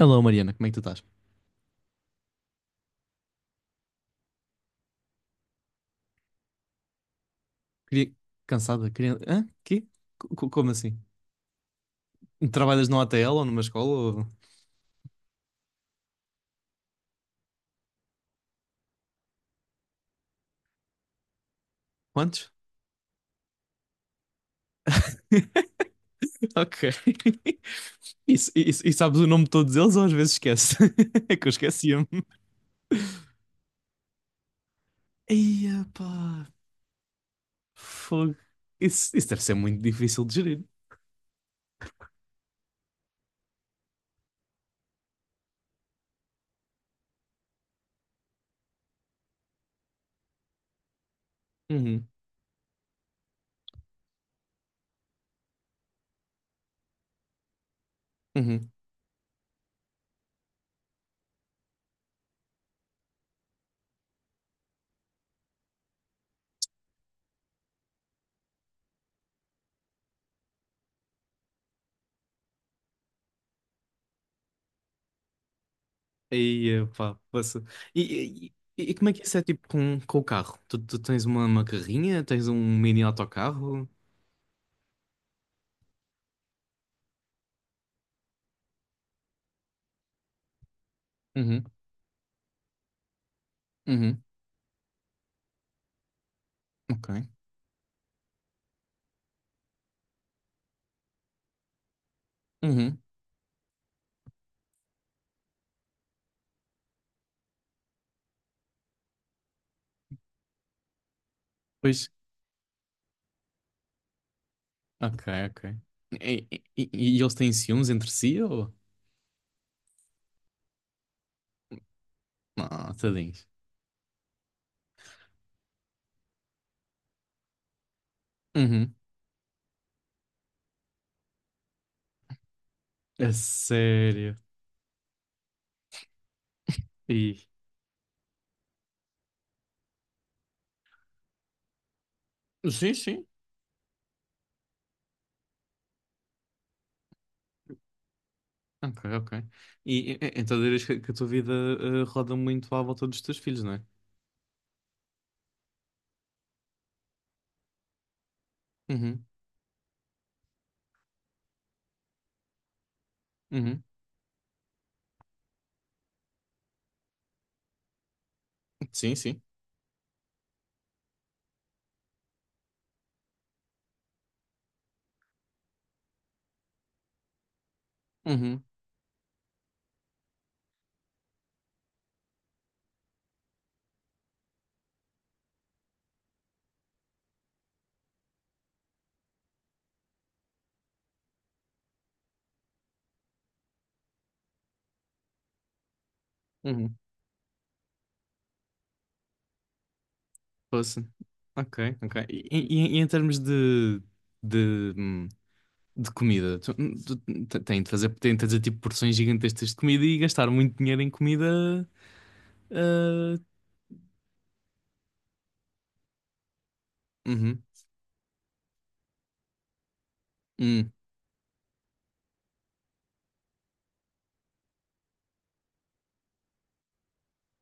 Alô, Mariana, como é que tu estás? Queria... Cansada? Queria... Hã? Quê? Como assim? Trabalhas numa ATL ou numa escola? Quantos? Ok. E sabes o nome de todos eles ou às vezes esquece? É que eu esquecia-me. Eia, pá. Fogo. Isso deve ser muito difícil de gerir. Uhum. Uhum. Eia, pá. Poça. E, e como é que isso é tipo com o carro? Tu tens uma carrinha? Tens um mini autocarro? Uhum. Uhum. Ok. Uhum. Pois, ok, ok. E eles têm ciúmes entre si ou? Ah, tadinhos. Uhum. É sério. E... Sim, sim. Ok, ok. E então dirias que a tua vida roda muito à volta dos teus filhos, não é? Uhum, uhum. Sim, sim. Uhum, uhum. Posso. Ok, ok. E em termos de, hum, de comida, tem de fazer tipo porções gigantescas de comida e gastar muito dinheiro em comida eh, Uhum. Hum,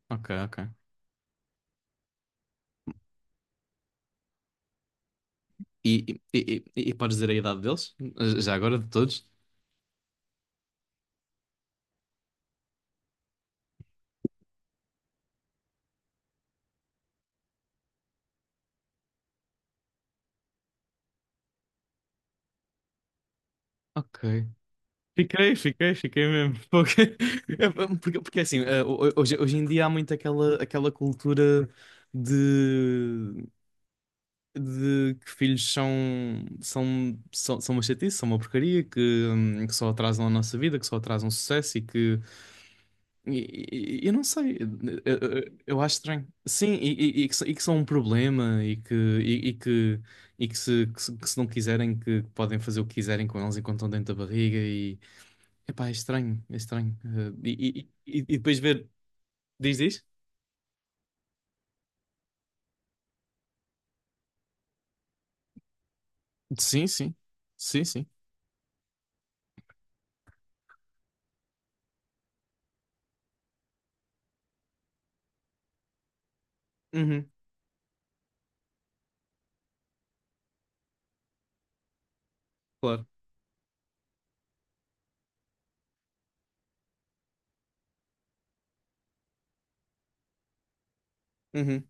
ok, ok. E podes dizer a idade deles? Já agora de todos? Ok. Fiquei, fiquei, fiquei mesmo. Porque assim, hoje em dia há muito aquela cultura de, de que filhos são, são uma chatice, são uma porcaria, que só atrasam a nossa vida, que só atrasam o sucesso. E não sei, eu, eu acho estranho. Sim, e que são um problema se, que, se, que se não quiserem, que podem fazer o que quiserem com eles enquanto estão dentro da barriga. Epá, é estranho, é estranho. E depois ver. Diz, diz? Sim, sim. Sim, sim. Uhum, claro. Uhum.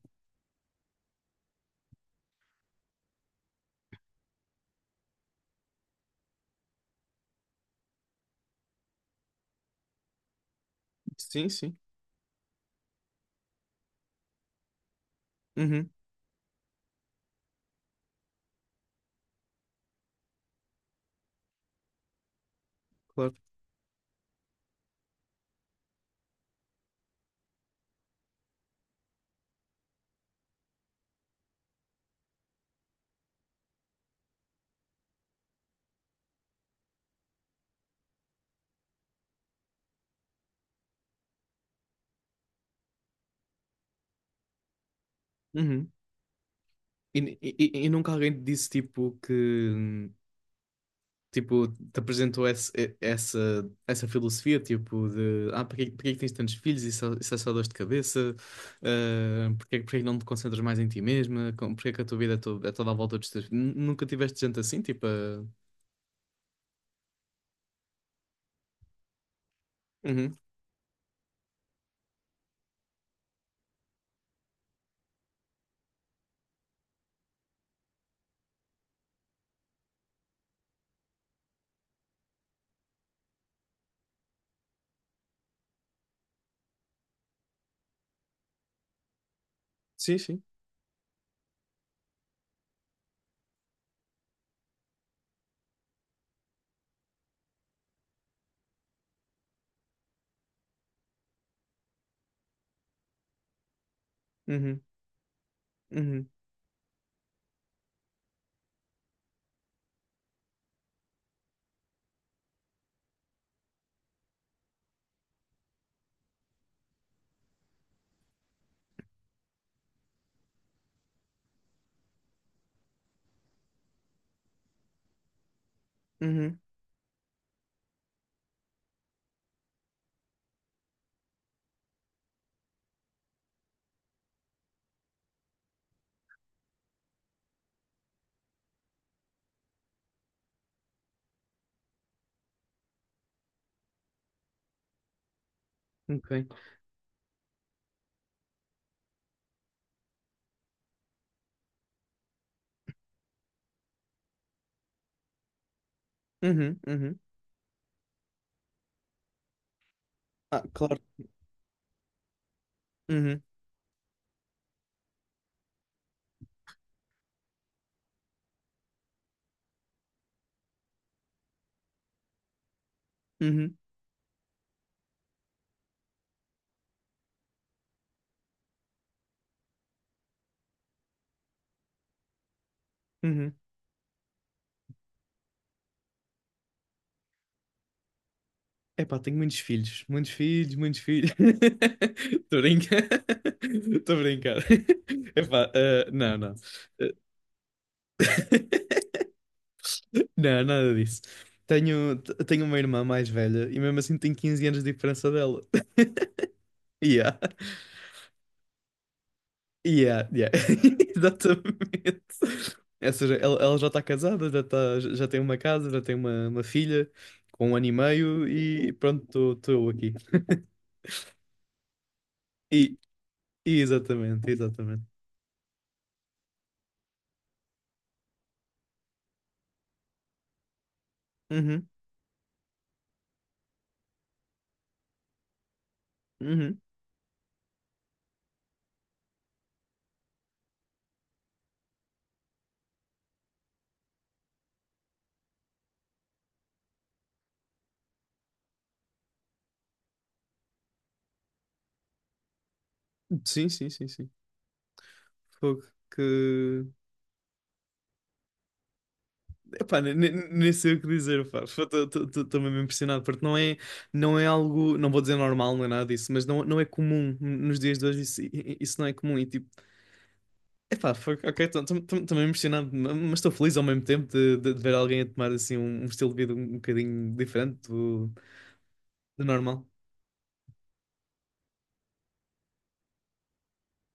Sim, sim. Uhum, claro. Uhum. E nunca alguém te disse, tipo, tipo, te apresentou essa filosofia, tipo, de porque é que tens tantos filhos? Isso é só dor de cabeça. Porque é que não te concentras mais em ti mesma? Porque é que a tua vida é toda à volta dos teus filhos? Nunca tiveste gente assim, tipo, Uhum, sim, sim. Uhum, uhum, uhum, ok. Uhum, uhum. Ah, claro. Uhum, uhum, uhum. Epá, tenho muitos filhos, muitos filhos, muitos filhos. Estou a brincar. Estou a brincar. Epá, não, não. Não, nada disso. Tenho uma irmã mais velha e mesmo assim tenho 15 anos de diferença dela. Yeah, yeah, yeah. Exatamente. Ou seja, ela já está casada, já tem uma casa, já tem uma filha com 1 ano e meio e pronto, estou eu aqui. E, e exatamente, exatamente. Uhum, uhum. Sim, sim, sim, sim. Fogo, que. Epá, nem sei o que dizer, pá. Estou mesmo impressionado, porque não é, não é algo, não vou dizer normal, não é nada disso, mas não, não é comum nos dias de hoje, isso não é comum. E tipo, epá, fuck, ok, estou mesmo impressionado, mas estou feliz ao mesmo tempo de ver alguém a tomar assim um estilo de vida um bocadinho diferente do normal.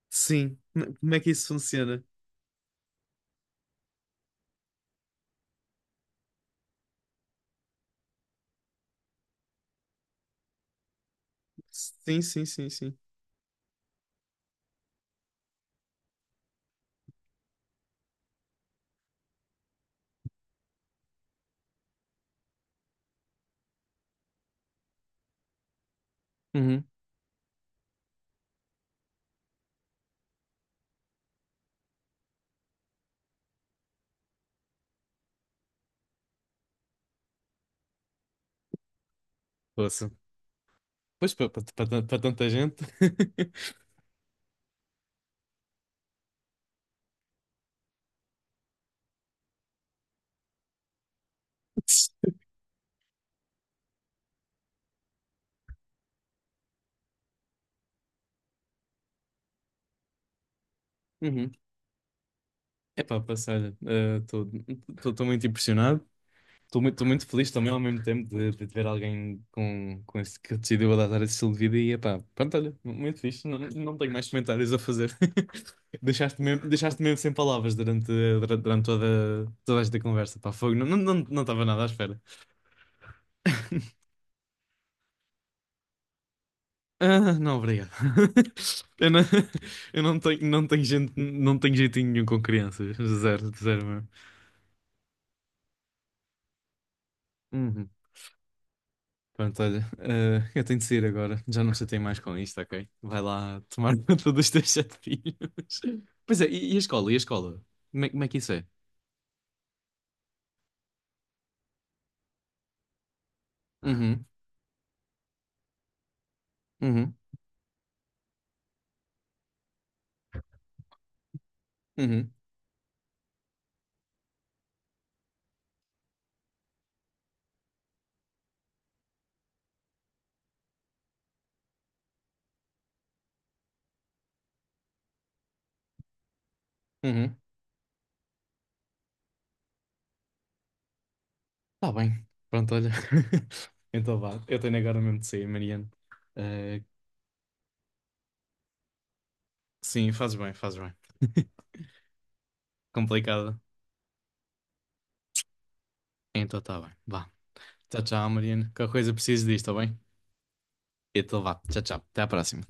Sim, como é que isso funciona? Sim, sim, sim, sim. Uhum. Ouça. Pois, para tanta gente. Uhum. Epá, passa, olha, estou muito impressionado, tô muito feliz também ao mesmo tempo de ver alguém com esse, que decidiu adotar esse estilo de vida e epá, pronto, olha, muito fixe, não, não tenho mais comentários a fazer. Deixaste-me mesmo sem palavras durante toda esta conversa, pá, fogo, não estava não, não, não estava nada à espera. Ah, não, obrigado. Eu não, eu não tenho, não tenho gente, não tenho jeitinho nenhum com crianças, zero, zero mesmo. Pronto, olha, eu tenho de sair agora. Já não chatei mais com isto, ok? Vai lá tomar conta dos teus sete filhos. Pois é, e a escola? E a escola? Como é que isso é? Uhum, uhum, uhum, uhum. Tá bem. Pronto, olha. Então vá, eu tenho agora mesmo de sair, Mariano. Eh, sim, fazes bem, fazes bem. Complicado. Então tá bem. Vá. Tchau, tchau, Mariano. Qualquer coisa preciso disto, tá bem? Então vá. Tchau, tchau. Até à próxima.